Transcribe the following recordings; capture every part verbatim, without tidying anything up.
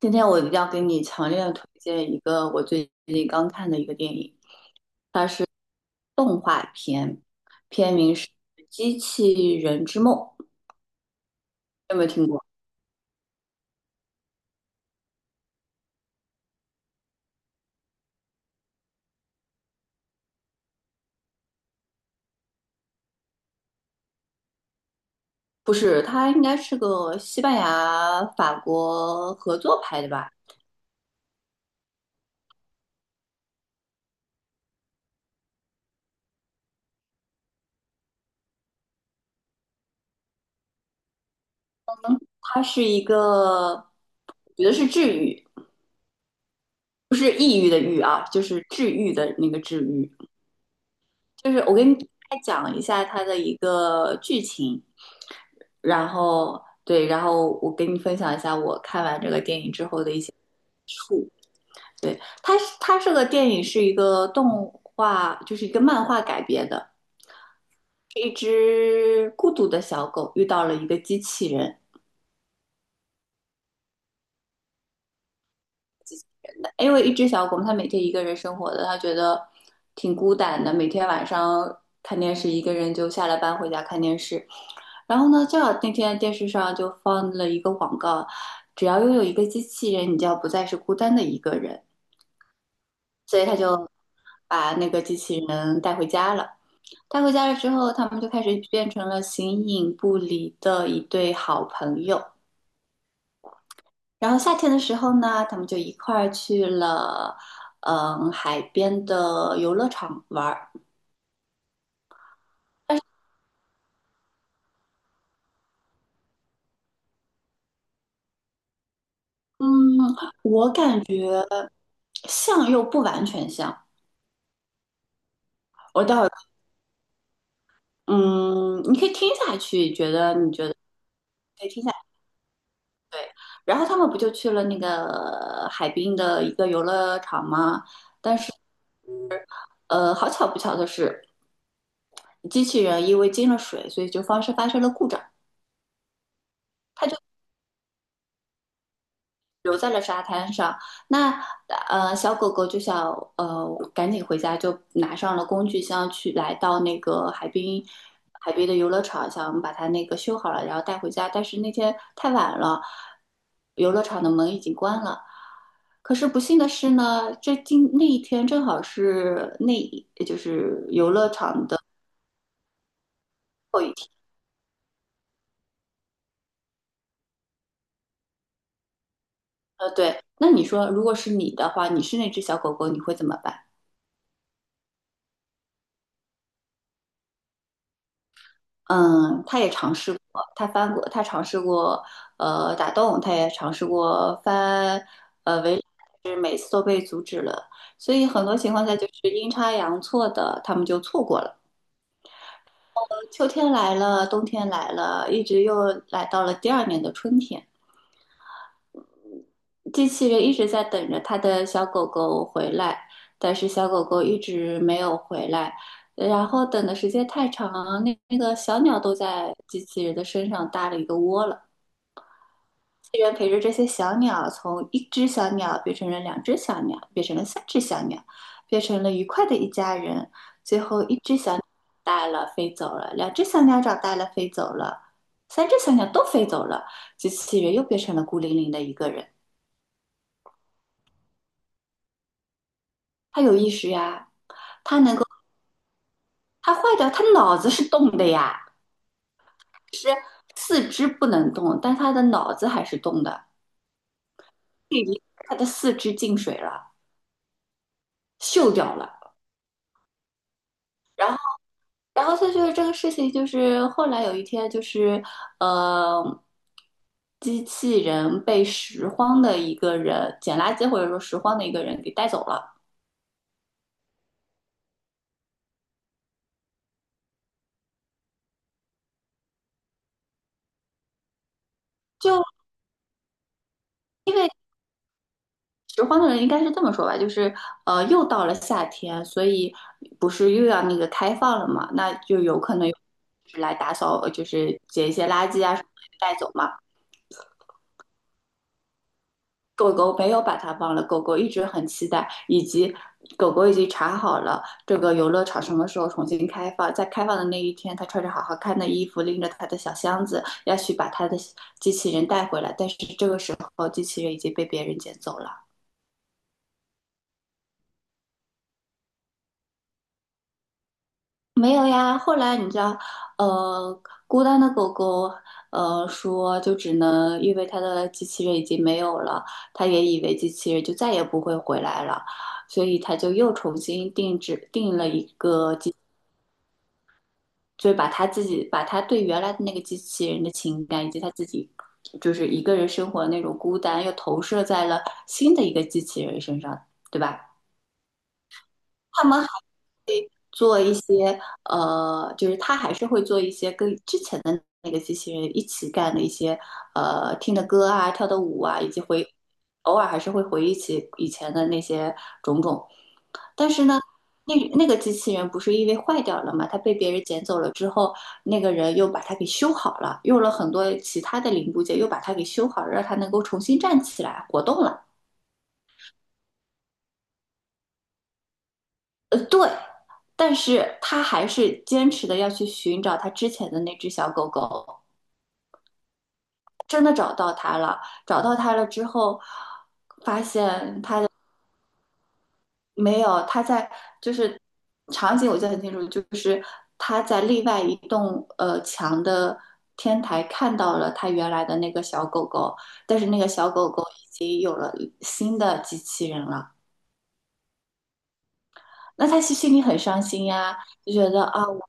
今天我要给你强烈的推荐一个我最近刚看的一个电影，它是动画片，片名是《机器人之梦》，有没有听过？不是，它应该是个西班牙、法国合作拍的吧？它是一个，我觉得是治愈，不是抑郁的郁啊，就是治愈的那个治愈。就是我给你大概讲一下它的一个剧情。然后对，然后我给你分享一下我看完这个电影之后的一些，对，它是它这个电影是一个动画，就是一个漫画改编的，是一只孤独的小狗遇到了一个机器人。因为一只小狗它每天一个人生活的，它觉得挺孤单的，每天晚上看电视，一个人就下了班回家看电视，然后呢，正好那天电视上就放了一个广告，只要拥有一个机器人，你就要不再是孤单的一个人。所以他就把那个机器人带回家了。带回家了之后，他们就开始变成了形影不离的一对好朋友。然后夏天的时候呢，他们就一块儿去了，嗯，海边的游乐场玩儿。嗯，我感觉像又不完全像。我待会儿，嗯，你可以听下去，觉得你觉得可以听下去。对，然后他们不就去了那个海滨的一个游乐场吗？呃，好巧不巧的是，机器人因为进了水，所以就发生发生了故障，它就留在了沙滩上。那呃，小狗狗就想呃赶紧回家，就拿上了工具箱去来到那个海滨海边的游乐场，想把它那个修好了，然后带回家。但是那天太晚了，游乐场的门已经关了。可是不幸的是呢，这今那一天正好是那就是游乐场的。呃，对，那你说，如果是你的话，你是那只小狗狗，你会怎么办？嗯，它也尝试过，它翻过，它尝试过，呃，打洞，它也尝试过翻，所以很多情况下就是阴差阳错的，他们就错过了。秋天来了，冬天来了，一直又来到了第二年的春天。机器人一直在等着他的小狗狗回来，但是小狗狗一直没有回来。然后等的时间太长，那那个小鸟都在机器人的身上搭了一个窝了。机器人陪着这些小鸟，从一只小鸟变成了两只小鸟，变成了三只小鸟，变成了愉快的一家人。最后，一只小鸟长大了飞走了，两只小鸟长大了飞走了，三只小鸟都飞走了，机器人又变成了孤零零的一个人。它有意识呀。他坏掉，他脑子是动的呀，是四肢不能动，但他的脑子还是动的。他的四肢进水了，锈掉了。然后他就是这个事情，就是后来有一天，就是呃，机器人被拾荒的一个人捡垃圾或者说拾荒的一个人给带走了，就因为拾荒的人应该是这么说吧，就是呃，又到了夏天，所以不是又要那个开放了嘛？那就有可能有就是来打扫，呃就是捡一些垃圾啊什么的带走嘛。狗狗没有把它忘了，狗狗一直很期待，以及狗狗已经查好了这个游乐场什么时候重新开放，在开放的那一天，它穿着好好看的衣服，拎着它的小箱子，要去把它的机器人带回来，但是这个时候机器人已经被别人捡走了。没有呀，后来你知道，呃，孤单的狗狗，呃，说就只能因为它的机器人已经没有了，它也以为机器人就再也不会回来了，所以它就又重新定制定了一个机，就是把它自己把它对原来的那个机器人的情感以及它自己就是一个人生活的那种孤单，又投射在了新的一个机器人身上，对吧？他们做一些呃，就是他还是会做一些跟之前的那个机器人一起干的一些呃听的歌啊、跳的舞啊，以及回偶尔还是会回忆起以前的那些种种。但是呢，那那个机器人不是因为坏掉了嘛，它被别人捡走了之后，那个人又把它给修好了，用了很多其他的零部件又把它给修好了，让它能够重新站起来活动了。呃，对。但是他还是坚持的要去寻找他之前的那只小狗狗，真的找到他了，找到他了之后，发现没有，他在就是场景我记得很清楚，就是他在另外一栋呃墙的天台看到了他原来的那个小狗狗，但是那个小狗狗已经有了新的机器人了，那他心心里很伤心呀，就觉得啊，我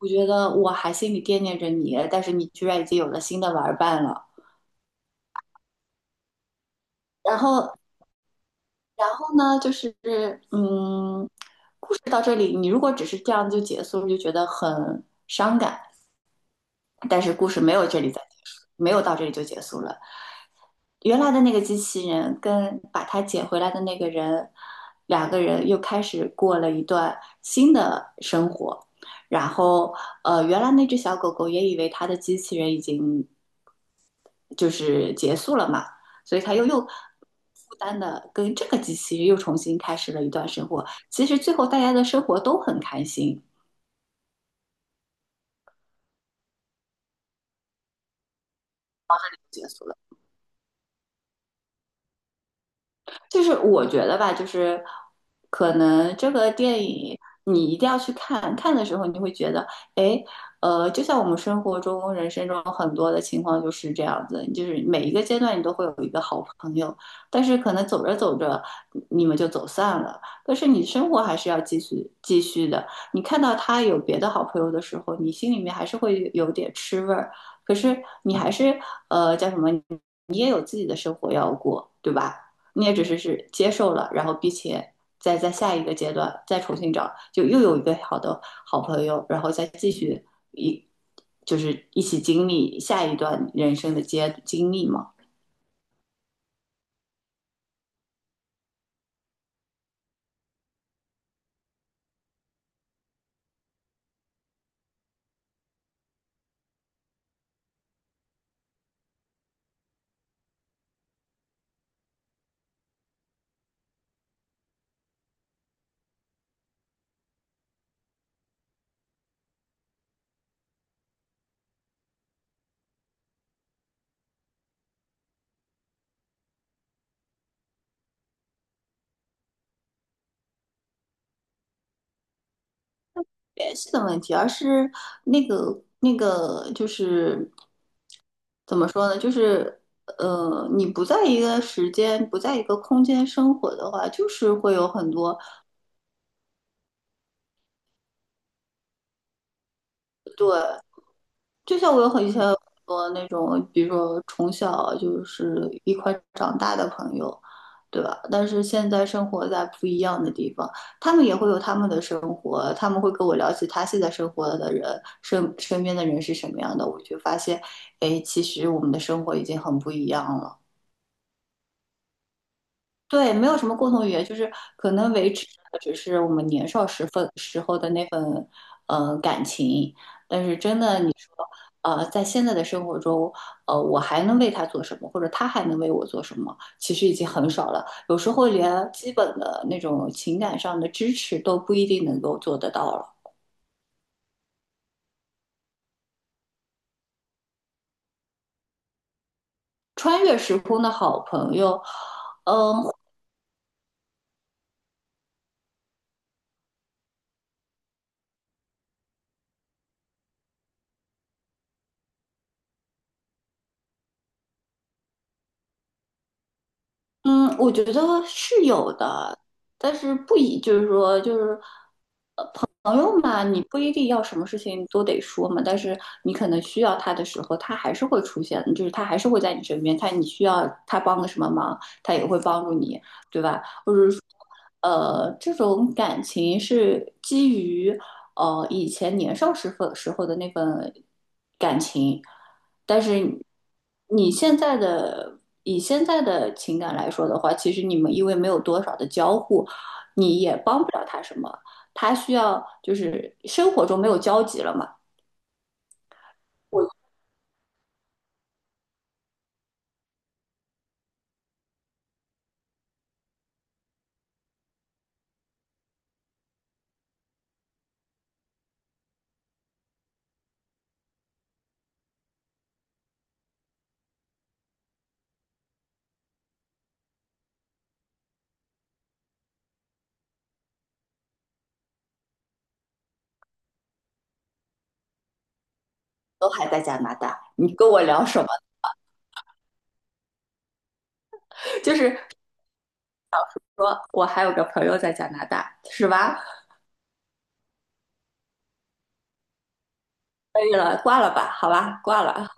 我觉得我还心里惦念着你，但是你居然已经有了新的玩伴了。然后然后呢，就是嗯，故事到这里，你如果只是这样就结束，就觉得很伤感。但是故事没有这里再结束，没有到这里就结束了。原来的那个机器人跟把它捡回来的那个人，两个人又开始过了一段新的生活。然后，呃，原来那只小狗狗也以为它的机器人已经就是结束了嘛，所以他又又负担的跟这个机器又重新开始了一段生活。其实最后大家的生活都很开心，结束了。就是我觉得吧，就是可能这个电影你一定要去看，看的时候你会觉得，哎，呃，就像我们生活中、人生中很多的情况就是这样子，就是每一个阶段你都会有一个好朋友，但是可能走着走着你们就走散了，但是你生活还是要继续继续的。你看到他有别的好朋友的时候，你心里面还是会有点吃味儿，可是你还是呃叫什么，你也有自己的生活要过，对吧？你也只是是接受了，然后并且再在下一个阶段再重新找，就又有一个好的好朋友，然后再继续一就是一起经历下一段人生的阶经历嘛。联系的问题，而是那个那个就是怎么说呢？就是呃，你不在一个时间，不在一个空间生活的话，就是会有很多就像我有很以前有很多那种，比如说从小就是一块长大的朋友，对吧？但是现在生活在不一样的地方，他们也会有他们的生活，他们会跟我聊起他现在生活的人身身边的人是什么样的，我就发现，哎，其实我们的生活已经很不一样了。对，没有什么共同语言，就是可能维持的只是我们年少时分时候的那份呃感情，但是真的你说，呃，在现在的生活中，呃，我还能为他做什么，或者他还能为我做什么，其实已经很少了。有时候连基本的那种情感上的支持都不一定能够做得到了。穿越时空的好朋友，嗯、嗯，我觉得是有的，但是不以就是说就是。朋友嘛，你不一定要什么事情都得说嘛，但是你可能需要他的时候，他还是会出现，就是他还是会在你身边，他你需要他帮个什么忙，他也会帮助你，对吧？或者说，呃，这种感情是基于呃以前年少时候时候的那份感情，但是你现在的以现在的情感来说的话，其实你们因为没有多少的交互，你也帮不了他什么。他需要就是生活中没有交集了嘛。我都还在加拿大，你跟我聊什么？就是说我还有个朋友在加拿大，是吧？可以了，挂了吧，好吧，挂了。